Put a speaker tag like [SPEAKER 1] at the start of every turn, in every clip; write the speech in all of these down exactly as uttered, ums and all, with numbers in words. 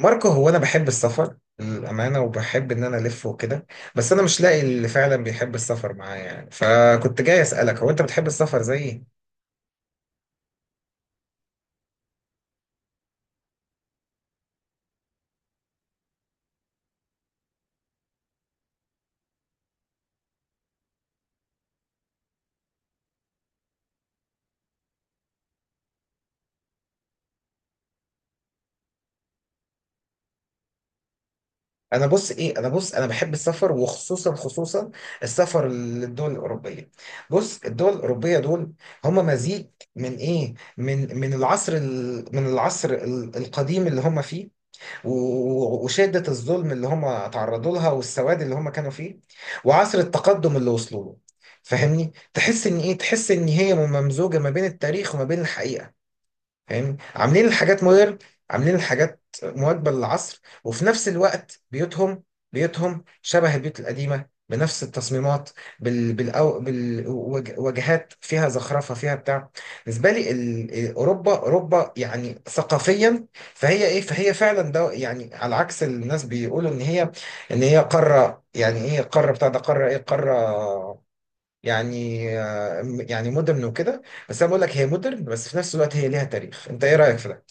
[SPEAKER 1] ماركو، هو انا بحب السفر للامانه، وبحب ان انا الف وكده. بس انا مش لاقي اللي فعلا بيحب السفر معايا يعني، فكنت جاي اسالك هو انت بتحب السفر زيي؟ انا بص ايه انا بص انا بحب السفر، وخصوصا خصوصا السفر للدول الاوروبيه. بص، الدول الاوروبيه دول هم مزيج من ايه من من العصر ال... من العصر ال- القديم اللي هم فيه، و- وشدة الظلم اللي هم تعرضوا لها، والسواد اللي هم كانوا فيه، وعصر التقدم اللي وصلوا له. فاهمني؟ تحس ان ايه، تحس ان هي ممزوجة ما بين التاريخ وما بين الحقيقة. فاهم؟ عاملين الحاجات مودرن، عاملين الحاجات مواكبة للعصر، وفي نفس الوقت بيوتهم، بيوتهم شبه البيوت القديمة بنفس التصميمات، بال بالأو بالوجهات، فيها زخرفة، فيها بتاع. بالنسبة لي ال- أوروبا، أوروبا يعني ثقافيا. فهي إيه، فهي فعلا ده يعني على عكس الناس بيقولوا إن هي، إن هي قارة، يعني إيه قارة، بتاع ده، قارة إيه، قارة يعني آه، يعني مودرن وكده. بس انا بقول لك هي مودرن، بس في نفس الوقت هي ليها تاريخ. انت ايه رايك في ده؟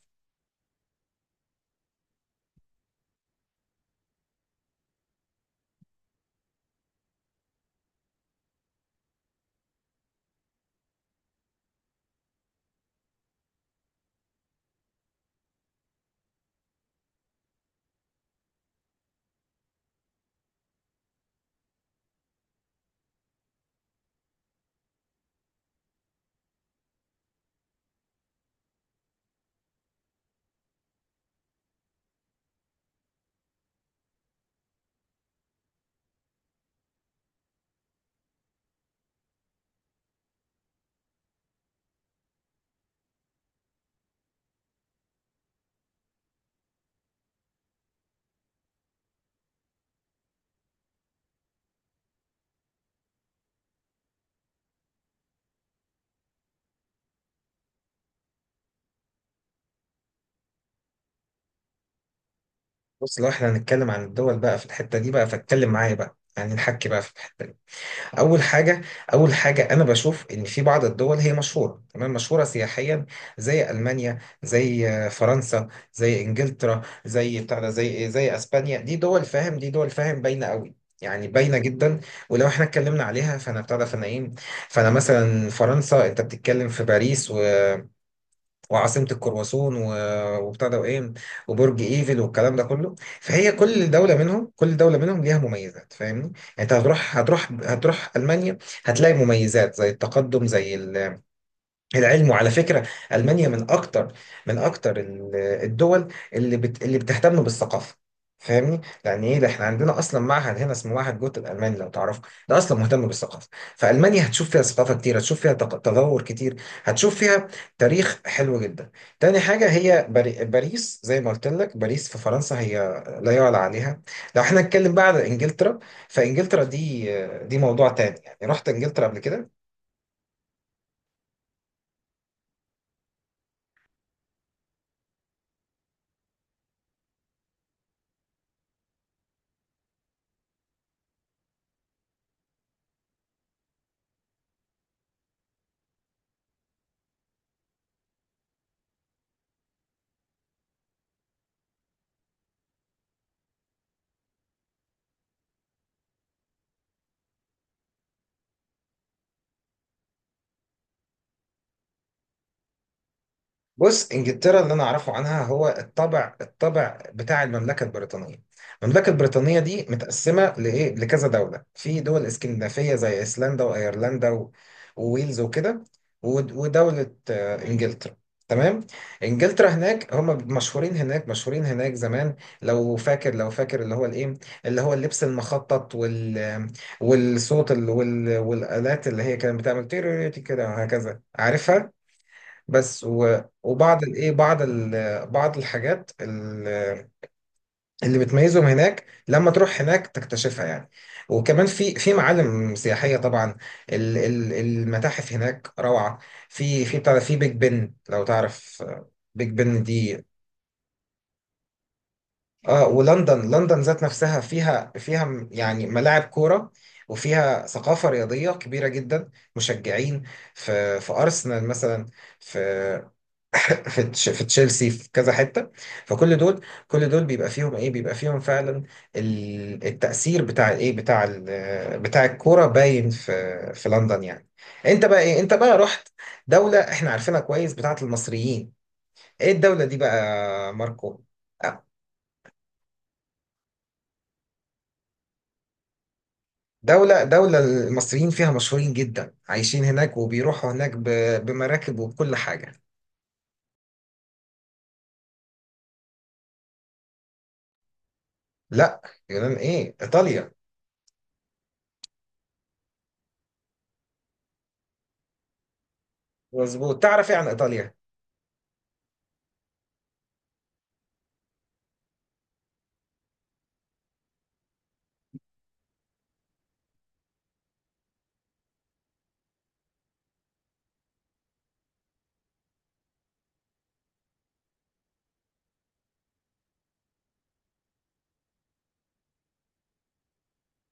[SPEAKER 1] بص، لو احنا هنتكلم عن الدول بقى في الحته دي بقى، فاتكلم معايا بقى يعني، نحكي بقى في الحته دي. اول حاجه، اول حاجه انا بشوف ان في بعض الدول هي مشهوره، تمام، مشهوره سياحيا زي المانيا، زي آه، فرنسا، زي انجلترا، زي بتاع ده، زي ايه، زي اسبانيا. دي دول فاهم، دي دول فاهم باينه قوي، يعني باينه جدا. ولو احنا اتكلمنا عليها، فانا بتاع ده، فانا ايه، فانا مثلا فرنسا، انت بتتكلم في باريس، و وعاصمة الكرواسون، و- وبتاع ده، وايه، وبرج ايفل، والكلام ده كله. فهي كل دولة منهم، كل دولة منهم ليها مميزات، فاهمني يعني. انت هتروح، هتروح هتروح ألمانيا، هتلاقي مميزات زي التقدم، زي العلم. وعلى فكرة، ألمانيا من أكتر، من أكتر ال- الدول اللي بت اللي بتهتم بالثقافة. فاهمني؟ لأن إيه ده، إحنا عندنا أصلا معهد هنا اسمه معهد جوت الألماني لو تعرفه، ده أصلا مهتم بالثقافة. فألمانيا هتشوف فيها ثقافة كتير، هتشوف فيها تق- تطور كتير، هتشوف فيها تاريخ حلو جدا. تاني حاجة هي باري- باريس. زي ما قلت لك، باريس في فرنسا هي لا يعلى عليها. لو إحنا نتكلم بقى على إنجلترا، فإنجلترا دي، دي موضوع تاني. يعني رحت إنجلترا قبل كده؟ بص، انجلترا اللي انا اعرفه عنها هو الطبع، الطبع بتاع المملكه البريطانيه. المملكه البريطانيه دي متقسمه لايه، لكذا دوله، في دول اسكندنافيه زي ايسلندا وايرلندا و- وويلز وكده، ود- ودوله آه، انجلترا. تمام. انجلترا هناك هم مشهورين هناك، مشهورين هناك زمان. لو فاكر، لو فاكر اللي هو الايه، اللي هو اللبس المخطط، وال والصوت ال- وال والالات اللي هي كانت بتعمل تيريريتي كده وهكذا، عارفها. بس و- وبعض الايه، بعض ال- بعض الحاجات ال- اللي بتميزهم هناك، لما تروح هناك تكتشفها يعني. وكمان في في معالم سياحيه طبعا. ال- ال- المتاحف هناك روعه. في في بتاع ده، في بيج بن لو تعرف، آه، بيج بن دي. اه، ولندن، لندن ذات نفسها فيها، فيها م- يعني ملاعب كوره، وفيها ثقافة رياضية كبيرة جدا، مشجعين. في في أرسنال مثلا، في في تش- في تشيلسي، في كذا حته. فكل دول، كل دول بيبقى فيهم ايه، بيبقى فيهم فعلا ال- التاثير بتاع ايه، بتاع ال- بتاع الكوره باين في في لندن يعني. انت بقى ايه، انت بقى رحت دوله احنا عارفينها كويس، بتاعت المصريين. ايه الدوله دي بقى ماركو؟ آه، دولة، دولة المصريين فيها مشهورين جدا، عايشين هناك، وبيروحوا هناك ب- بمراكب وبكل حاجة. لا، يونان ايه، ايطاليا. مظبوط. تعرف ايه عن ايطاليا؟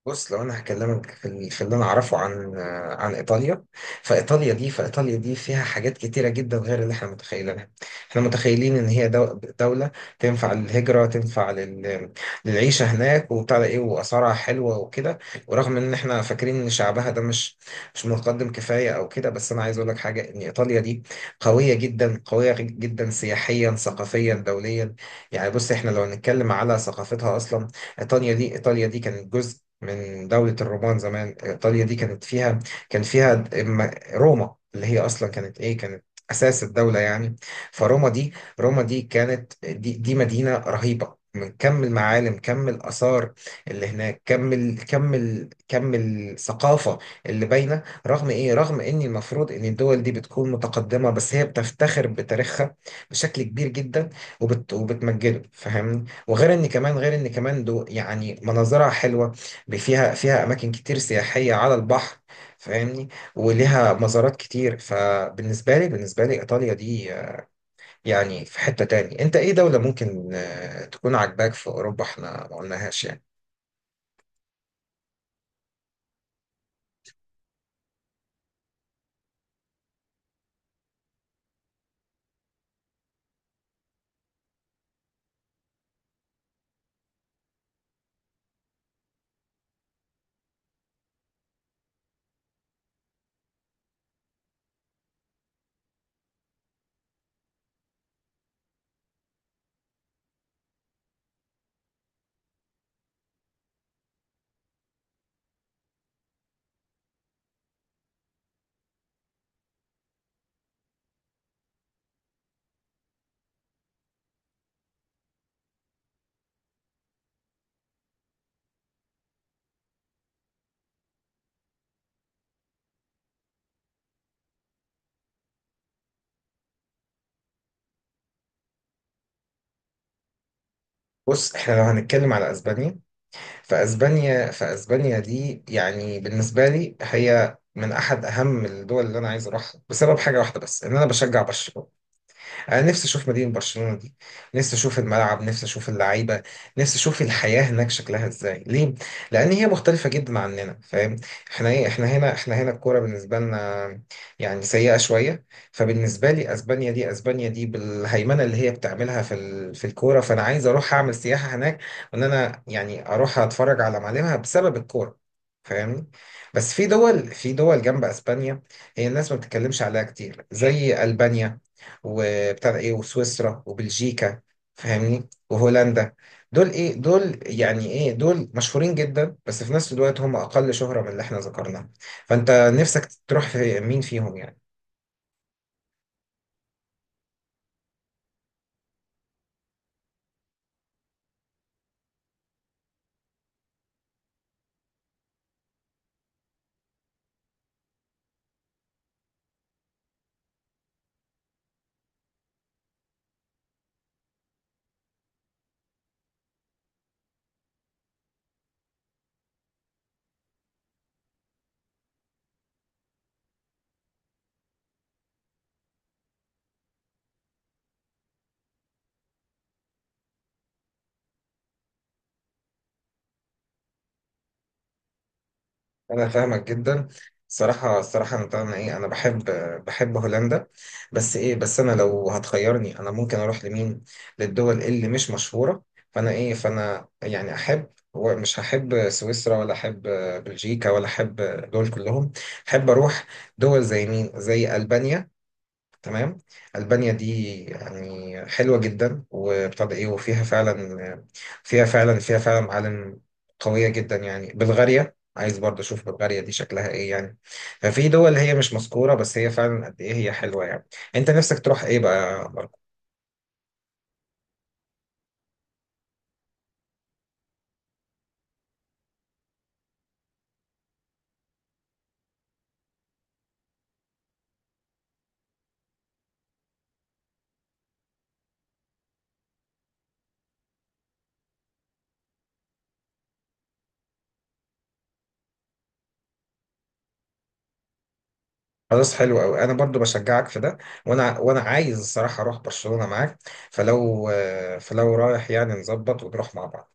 [SPEAKER 1] بص، لو انا هكلمك في ال- في اللي انا اعرفه عن آه، عن ايطاليا، فايطاليا دي، فايطاليا دي فيها حاجات كتيره جدا غير اللي احنا متخيلينها. احنا متخيلين ان هي دو- دوله تنفع للهجره، تنفع لل... للعيشه هناك وبتاع ده ايه، واسعارها حلوه وكده. ورغم ان احنا فاكرين ان شعبها ده مش، مش متقدم كفايه او كده، بس انا عايز اقول لك حاجه، ان ايطاليا دي قويه جدا، قويه جدا سياحيا، ثقافيا، دوليا. يعني بص، احنا لو هنتكلم على ثقافتها اصلا، ايطاليا دي، ايطاليا دي كانت جزء من دولة الرومان زمان. إيطاليا دي كانت فيها، كان فيها د- م- روما، اللي هي أصلا كانت إيه، كانت أساس الدولة يعني. فروما دي، روما دي كانت دي, دي مدينة رهيبة، من كم المعالم، كم الآثار اللي هناك، كم ال... كم ال... كم الثقافة اللي باينة، رغم إيه، رغم إن المفروض إن الدول دي بتكون متقدمة، بس هي بتفتخر بتاريخها بشكل كبير جدا، وبت... وبتمجده. فاهمني؟ وغير إن كمان، غير إن كمان دو يعني مناظرها حلوة، فيها فيها اماكن كتير سياحيه على البحر. فاهمني؟ وليها مزارات كتير. فبالنسبه لي، بالنسبه لي ايطاليا دي آه، يعني في حته تاني. انت ايه دوله ممكن آه، تكون عاجباك في اوروبا احنا ما قلناهاش يعني؟ بص، احنا لو هنتكلم على اسبانيا، فاسبانيا، فاسبانيا دي يعني بالنسبه لي هي من احد اهم الدول اللي انا عايز اروحها، بسبب حاجه واحده بس، ان انا بشجع برشلونه. انا نفسي اشوف مدينه برشلونه دي، نفسي اشوف الملعب، نفسي اشوف اللعيبه، نفسي اشوف الحياه هناك شكلها ازاي. ليه؟ لان هي مختلفه جدا عننا، فاهم؟ احنا ايه، احنا هنا، احنا هنا الكوره بالنسبه لنا يعني سيئه شويه. فبالنسبه لي، اسبانيا دي، اسبانيا دي بالهيمنه اللي هي بتعملها في ال... في الكوره، فانا عايز اروح اعمل سياحه هناك، وان انا يعني اروح اتفرج على معالمها بسبب الكوره. فاهمني؟ بس في دول، في دول جنب اسبانيا هي الناس ما بتتكلمش عليها كتير، زي البانيا وبتاع ده ايه، وسويسرا، وبلجيكا، فاهمني، وهولندا. دول ايه، دول يعني ايه، دول مشهورين جدا، بس في نفس الوقت هم اقل شهرة من اللي احنا ذكرناها. فانت نفسك تروح في مين فيهم يعني؟ انا فاهمك جدا. الصراحه، الصراحه انا طبعا ايه، انا بحب، بحب هولندا. بس ايه، بس انا لو هتخيرني انا ممكن اروح لمين؟ للدول اللي مش مشهوره. فانا ايه، فانا يعني احب ومش هحب سويسرا، ولا احب بلجيكا، ولا احب دول كلهم. احب اروح دول زي مين؟ زي البانيا. تمام. ألبانيا دي يعني حلوة جدا، وابتدى إيه، وفيها فعلا، فيها فعلا فيها فعلا معالم قوية جدا. يعني بلغاريا عايز برضه أشوف بلغاريا دي شكلها إيه يعني. ففي دول هي مش مذكورة، بس هي فعلا قد إيه هي حلوة يعني. أنت نفسك تروح إيه بقى ماركو؟ خلاص، حلو قوي، انا برضو بشجعك في ده. وانا، وانا عايز الصراحه اروح برشلونه معاك. فلو، فلو رايح يعني نظبط ونروح مع بعض.